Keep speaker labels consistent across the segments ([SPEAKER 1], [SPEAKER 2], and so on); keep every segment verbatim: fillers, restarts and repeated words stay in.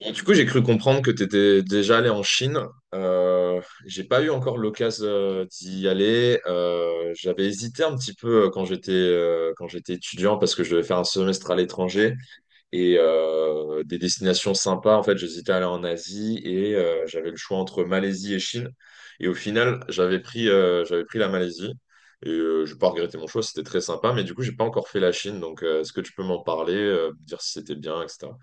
[SPEAKER 1] Et du coup, j'ai cru comprendre que tu étais déjà allé en Chine. Euh, j'ai pas eu encore l'occasion euh, d'y aller. Euh, j'avais hésité un petit peu euh, quand j'étais euh, quand j'étais étudiant parce que je devais faire un semestre à l'étranger et euh, des destinations sympas. En fait, j'hésitais à aller en Asie et euh, j'avais le choix entre Malaisie et Chine. Et au final, j'avais pris euh, j'avais pris la Malaisie et euh, j'ai pas regretté mon choix. C'était très sympa, mais du coup, j'ai pas encore fait la Chine. Donc, euh, est-ce que tu peux m'en parler, euh, me dire si c'était bien, et cetera.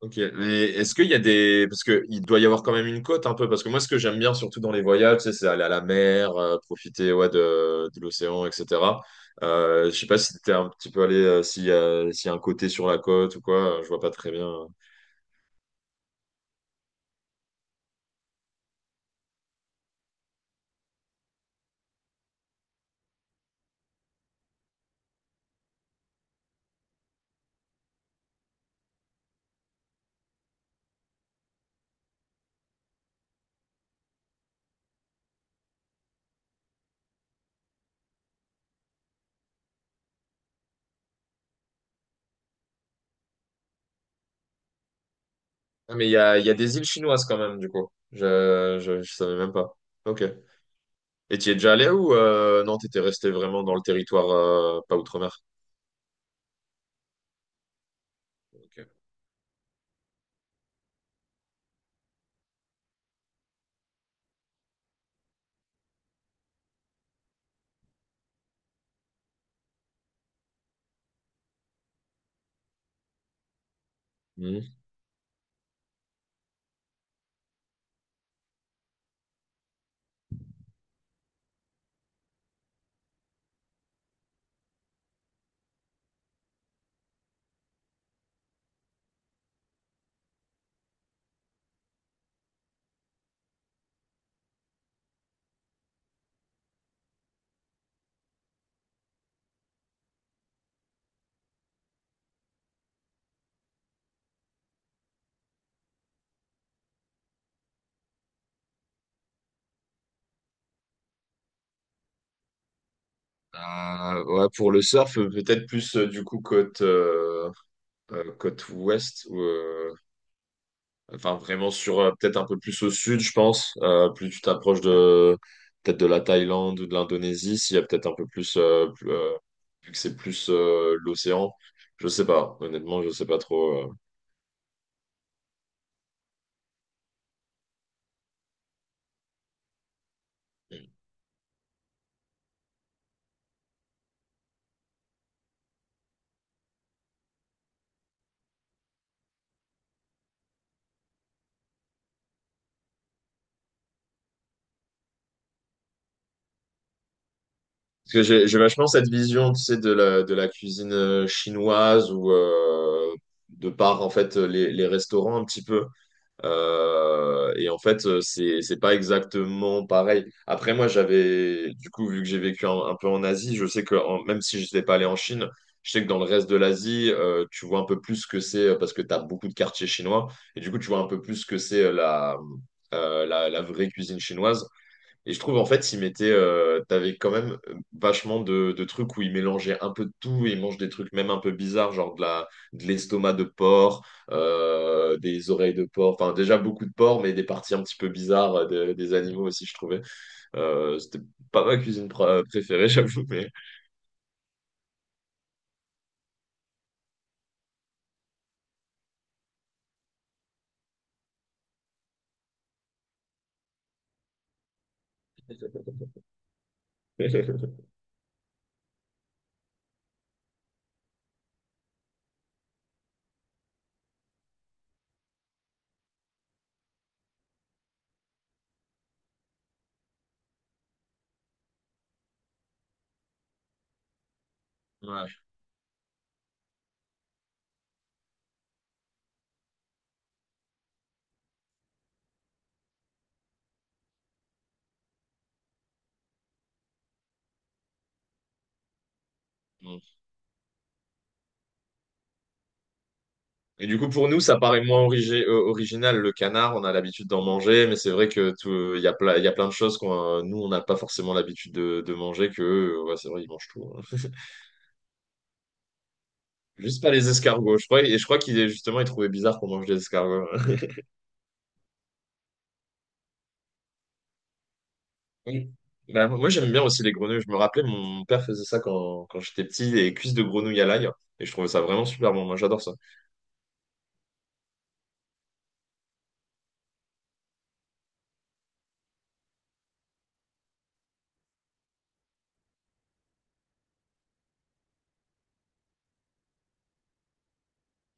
[SPEAKER 1] Ok, mais est-ce qu'il y a des... Parce que il doit y avoir quand même une côte un peu, parce que moi ce que j'aime bien surtout dans les voyages, tu sais, c'est aller à la mer, euh, profiter ouais, de, de l'océan, et cetera. Euh, je sais pas si t'es un petit peu allé, euh, s'il y a, s'il y a un côté sur la côte ou quoi, euh, je vois pas très bien. Ah, mais il y a, il y a des îles chinoises quand même, du coup. Je, je, je savais même pas. Ok. Et tu es déjà allé ou euh, non, t'étais resté vraiment dans le territoire euh, pas outre-mer? Ok. Mhm. Euh, ouais, pour le surf, peut-être plus euh, du coup côte, euh, euh, côte ouest, ou, euh, enfin vraiment sur euh, peut-être un peu plus au sud, je pense. Euh, plus tu t'approches de peut-être de la Thaïlande ou de l'Indonésie, s'il y a peut-être un peu plus, euh, plus, euh, vu que c'est plus euh, l'océan, je sais pas. Honnêtement, je sais pas trop. euh. Parce que j'ai j'ai vachement cette vision, tu sais, de la de la cuisine euh, chinoise ou euh, de par en fait les les restaurants un petit peu. Euh, et en fait, euh, c'est c'est pas exactement pareil. Après, moi, j'avais, du coup, vu que j'ai vécu un, un peu en Asie, je sais que en- même si je n'étais pas allé en Chine, je sais que dans le reste de l'Asie, euh, tu vois un peu plus ce que c'est euh, parce que tu as beaucoup de quartiers chinois. Et du coup, tu vois un peu plus ce que c'est euh, la, euh, la, la vraie cuisine chinoise. Et je trouve en fait, il mettait, euh, t'avais quand même euh, vachement de, de trucs où il mélangeait un peu de tout, il mange des trucs même un peu bizarres, genre de la, de l'estomac de porc, euh, des oreilles de porc, enfin déjà beaucoup de porc, mais des parties un petit peu bizarres euh, de- des animaux aussi, je trouvais. Euh, c'était pas ma cuisine pr- préférée, j'avoue, mais. Ouais. Et du coup, pour nous, ça paraît moins origi- euh, original. Le canard, on a l'habitude d'en manger, mais c'est vrai que tout, il y a plein, il y a plein de choses qu'on, euh, nous, on n'a pas forcément l'habitude de, de manger que, eux, ouais, c'est vrai, ils mangent tout, hein. Juste pas les escargots. Je crois, et je crois qu'il est justement, il trouvait bizarre qu'on mange des escargots. Oui. Bah, moi, j'aime bien aussi les grenouilles. Je me rappelais, mon père faisait ça quand, quand j'étais petit, les cuisses de grenouille à l'ail. Et je trouvais ça vraiment super bon. Moi, j'adore ça.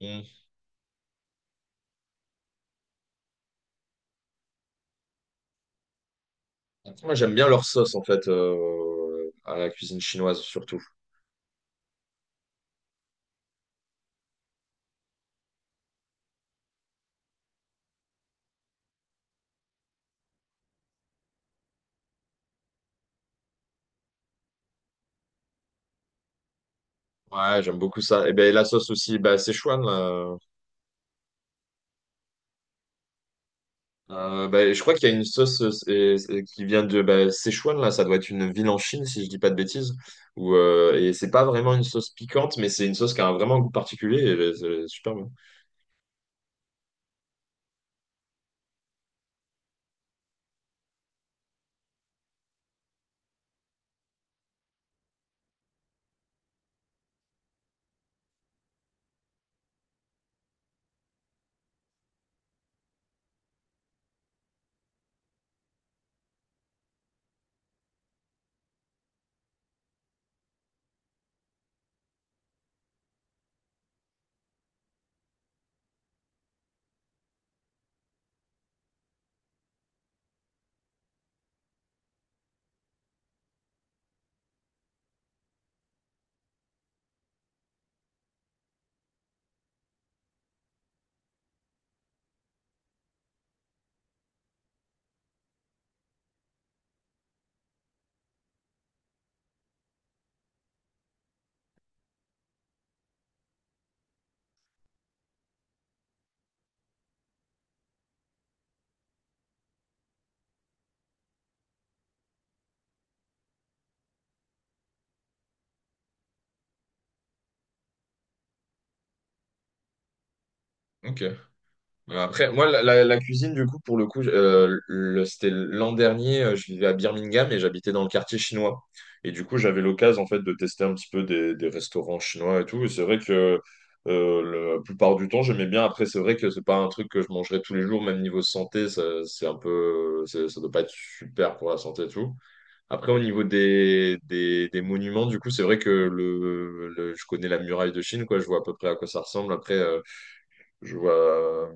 [SPEAKER 1] Mm. Moi, j'aime bien leur sauce, en fait, euh, à la cuisine chinoise, surtout. Ouais, j'aime beaucoup ça. Et ben la sauce aussi, bah, Szechuan, là. Euh, bah, je crois qu'il y a une sauce euh, c'est- c'est- qui vient de bah, Sichuan, là. Ça doit être une ville en Chine, si je dis pas de bêtises. Ou euh, et c'est pas vraiment une sauce piquante, mais c'est une sauce qui a un- vraiment un goût particulier. Et, euh, c'est super bon. Ok. Euh, Après, moi, la, la- la cuisine, du coup, pour le coup, je- euh, le- c'était l'an dernier, euh, je vivais à Birmingham et j'habitais dans le quartier chinois. Et du coup, j'avais l'occasion, en fait, de tester un petit peu des, des restaurants chinois et tout. Et c'est vrai que euh, la plupart du temps, j'aimais bien. Après, c'est vrai que c'est pas un truc que je mangerais tous les jours, même niveau santé, ça, c'est un peu, c'est- ça doit pas être super pour la santé et tout. Après, au niveau des, des, des monuments, du coup, c'est vrai que le, le- je connais la muraille de Chine, quoi. Je vois à peu près à quoi ça ressemble. Après, euh, je vois.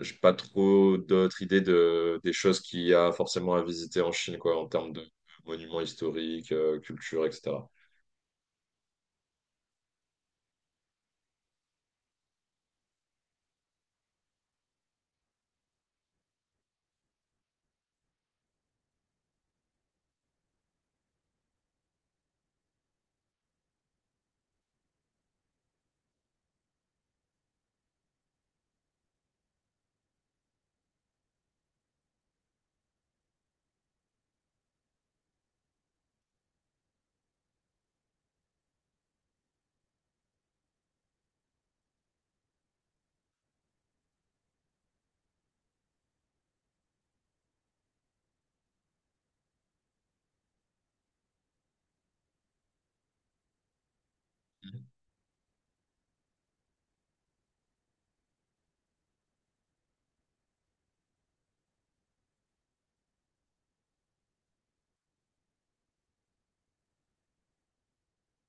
[SPEAKER 1] J'ai pas trop d'autres idées de, des choses qu'il y a forcément à visiter en Chine, quoi, en termes de monuments historiques, euh, culture, et cetera.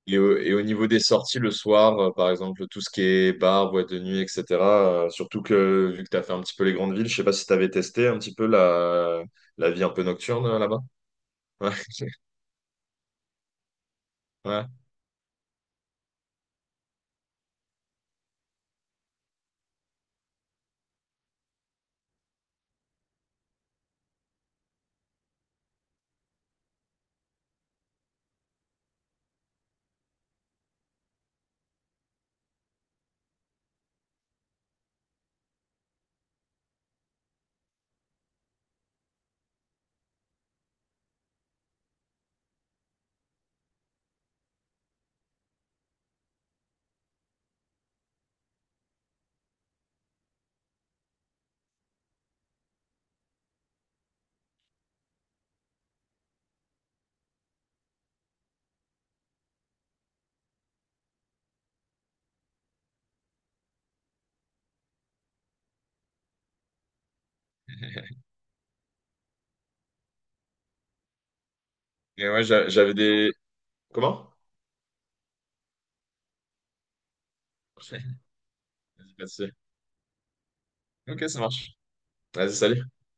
[SPEAKER 1] Et, au et au niveau des sorties le soir, euh, par exemple, tout ce qui est bar, boîte de nuit, et cetera euh, Surtout que, vu que tu as fait un petit peu les grandes villes, je sais pas si tu avais testé un petit peu la, la vie un peu nocturne euh, là-bas. Ouais, ouais. Et ouais, j'a- j'avais des... Comment? Vas-y, vas-y. Ok, ça marche. Vas-y, salut.